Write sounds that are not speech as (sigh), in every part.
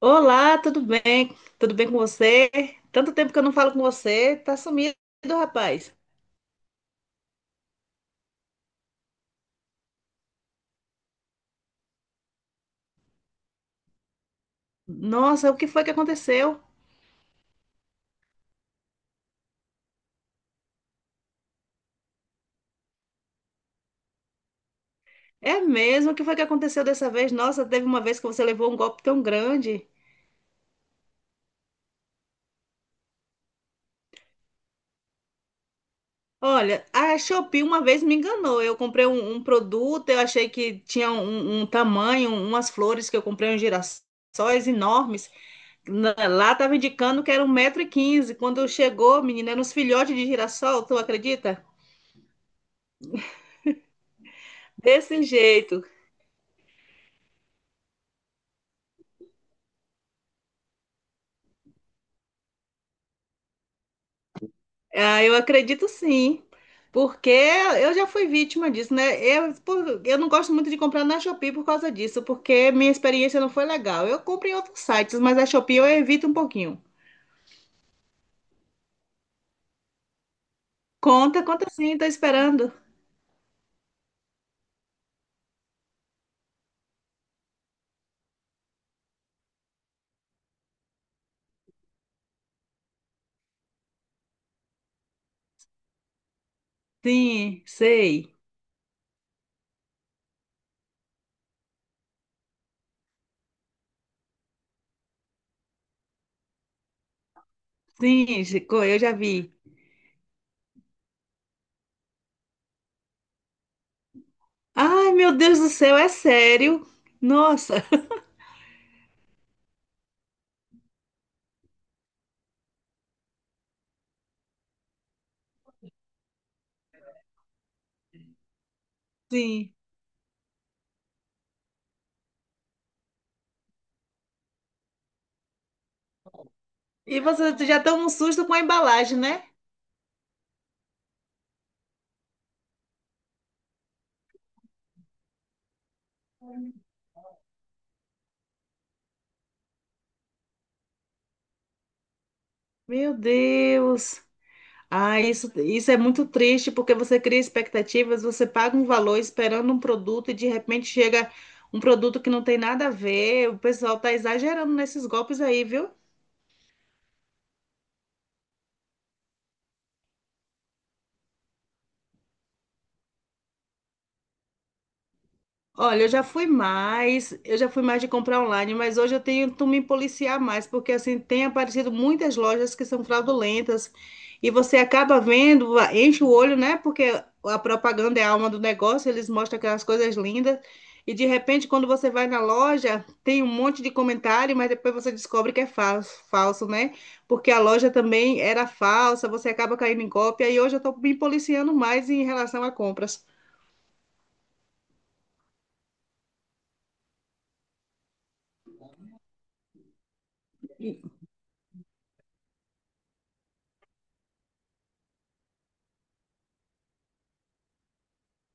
Olá, tudo bem? Tudo bem com você? Tanto tempo que eu não falo com você, tá sumido, rapaz. Nossa, o que foi que aconteceu? É mesmo, o que foi que aconteceu dessa vez? Nossa, teve uma vez que você levou um golpe tão grande. Olha, a Shopee uma vez me enganou. Eu comprei um produto, eu achei que tinha um tamanho, umas flores que eu comprei, uns girassóis enormes. Lá estava indicando que era 1,15 m. Quando chegou, menina, eram uns filhotes de girassol, tu acredita? Desse jeito. Ah, eu acredito, sim, porque eu já fui vítima disso, né? Eu não gosto muito de comprar na Shopee por causa disso, porque minha experiência não foi legal. Eu compro em outros sites, mas a Shopee eu evito um pouquinho. Conta, conta, sim, tô esperando. Sim, sei. Sim, Chico, eu já vi. Ai, meu Deus do céu, é sério? Nossa, sim. E você já toma um susto com a embalagem, né? Meu Deus. Ah, isso é muito triste, porque você cria expectativas, você paga um valor esperando um produto e de repente chega um produto que não tem nada a ver. O pessoal tá exagerando nesses golpes aí, viu? Olha, eu já fui mais de comprar online, mas hoje eu tento me policiar mais, porque assim tem aparecido muitas lojas que são fraudulentas e você acaba vendo, enche o olho, né? Porque a propaganda é a alma do negócio, eles mostram aquelas coisas lindas e de repente quando você vai na loja, tem um monte de comentário, mas depois você descobre que é falso, falso, né? Porque a loja também era falsa, você acaba caindo em cópia e hoje eu estou me policiando mais em relação a compras.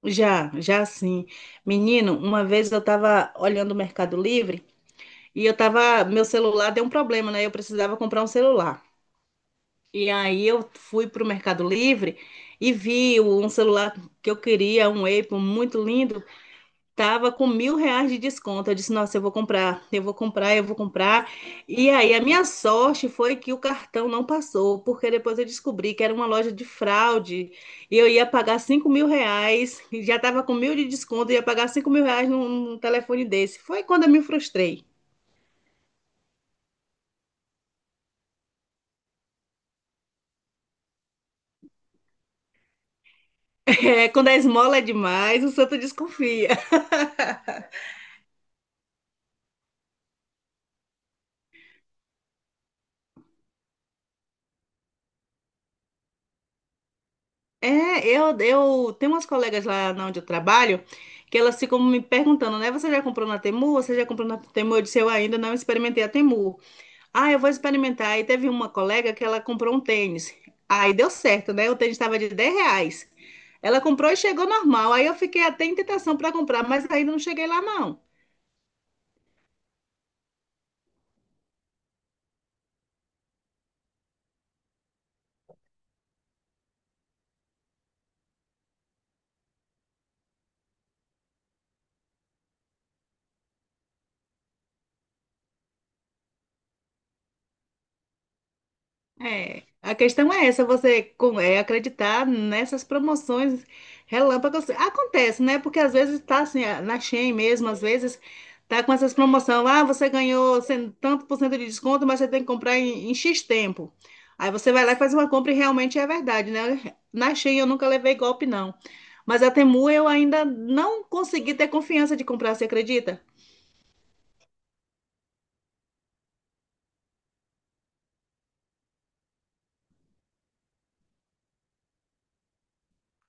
Já, já, sim. Menino, uma vez eu tava olhando o Mercado Livre e meu celular deu um problema, né? Eu precisava comprar um celular. E aí eu fui pro Mercado Livre e vi um celular que eu queria, um Apple muito lindo. Tava com R$ 1.000 de desconto. Eu disse, nossa, eu vou comprar, eu vou comprar, eu vou comprar. E aí, a minha sorte foi que o cartão não passou, porque depois eu descobri que era uma loja de fraude e eu ia pagar R$ 5.000, e já tava com 1.000 de desconto, ia pagar R$ 5.000 num telefone desse. Foi quando eu me frustrei. (laughs) É, quando a esmola é demais, o santo desconfia. É, eu tenho umas colegas lá na onde eu trabalho que elas ficam me perguntando, né? Você já comprou na Temu? Você já comprou na Temu? Eu disse, eu ainda não experimentei a Temu. Ah, eu vou experimentar. Aí teve uma colega que ela comprou um tênis. Aí deu certo, né? O tênis estava de R$ 10. Ela comprou e chegou normal. Aí eu fiquei até em tentação para comprar, mas ainda não cheguei lá, não. É, a questão é essa, acreditar nessas promoções relâmpagos. Acontece, né? Porque às vezes tá assim, na Shein mesmo, às vezes tá com essas promoções. Ah, você ganhou tanto por cento de desconto, mas você tem que comprar em X tempo. Aí você vai lá e faz uma compra e realmente é verdade, né? Na Shein eu nunca levei golpe, não. Mas a Temu eu ainda não consegui ter confiança de comprar, você acredita?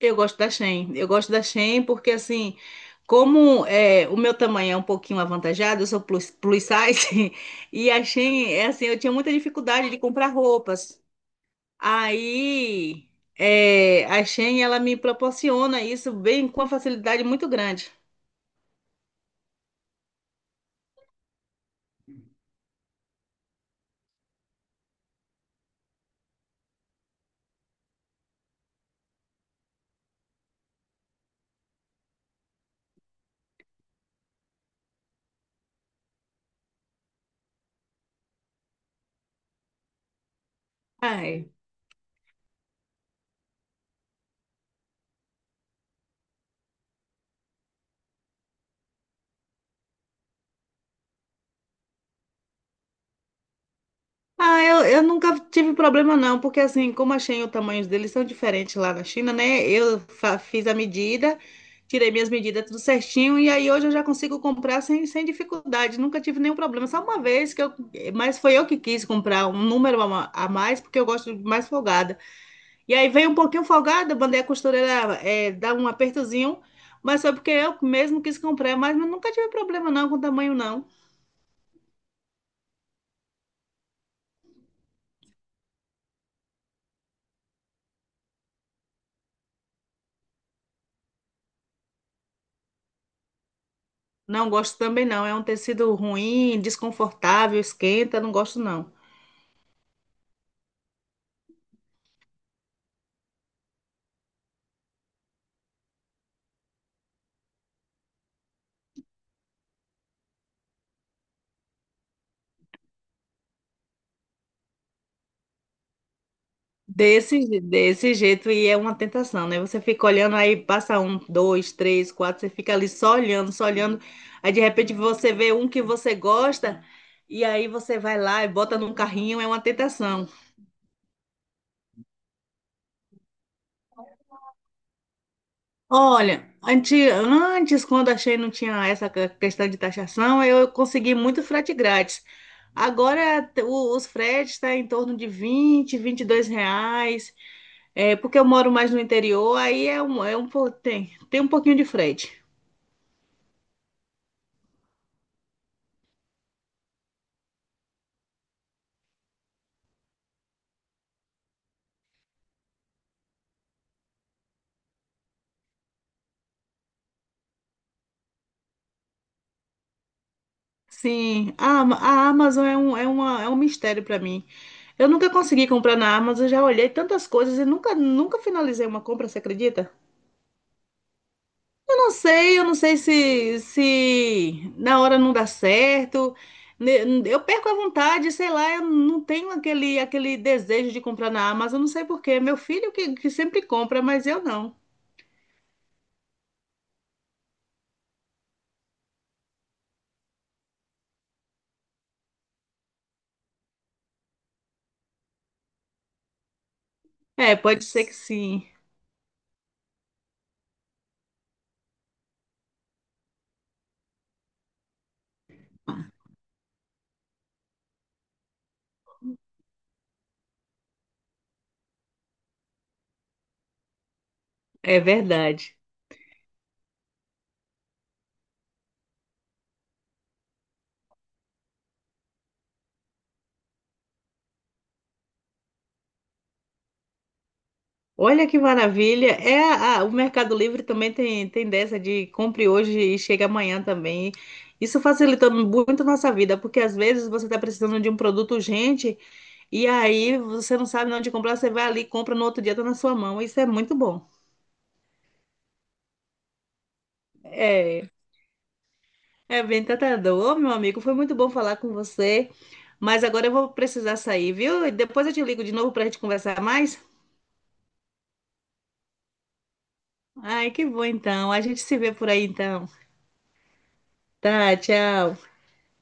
Eu gosto da Shein. Eu gosto da Shein porque, assim, como é, o meu tamanho é um pouquinho avantajado, eu sou plus size, (laughs) e a Shein, é assim, eu tinha muita dificuldade de comprar roupas. Aí, é, a Shein, ela me proporciona isso bem com uma facilidade muito grande. Ai, ah, eu nunca tive problema, não, porque assim, como a Shein, os tamanhos deles são diferentes lá na China, né? Eu fiz a medida, tirei minhas medidas tudo certinho, e aí hoje eu já consigo comprar sem dificuldade, nunca tive nenhum problema. Só uma vez que eu, mas foi eu que quis comprar um número a mais, porque eu gosto de mais folgada. E aí veio um pouquinho folgada, mandei a costureira dar um apertozinho, mas foi porque eu mesmo quis comprar, mas eu nunca tive problema não com o tamanho não. Não gosto também não. É um tecido ruim, desconfortável, esquenta, não gosto não. Desse jeito e é uma tentação, né? Você fica olhando aí, passa um, dois, três, quatro, você fica ali só olhando, só olhando. Aí de repente você vê um que você gosta e aí você vai lá e bota num carrinho, é uma tentação. Olha, antes quando achei não tinha essa questão de taxação, eu consegui muito frete grátis. Agora os fretes estão em torno de vinte, R$ 22, é, porque eu moro mais no interior, aí tem um pouquinho de frete. Sim, a Amazon é um mistério para mim. Eu nunca consegui comprar na Amazon, já olhei tantas coisas e nunca finalizei uma compra, você acredita? Eu não sei se na hora não dá certo. Eu perco a vontade, sei lá, eu não tenho aquele desejo de comprar na Amazon, não sei por quê. Meu filho que sempre compra, mas eu não. É, pode ser que sim. É verdade. Olha que maravilha. É, o Mercado Livre também tem, dessa de compre hoje e chega amanhã também. Isso facilita muito a nossa vida, porque às vezes você está precisando de um produto urgente. E aí você não sabe onde comprar, você vai ali, compra no outro dia, tá na sua mão. Isso é muito bom. É, é bem tentador. Ô, meu amigo. Foi muito bom falar com você. Mas agora eu vou precisar sair, viu? E depois eu te ligo de novo pra gente conversar mais. Ai, que bom então. A gente se vê por aí então. Tá, tchau.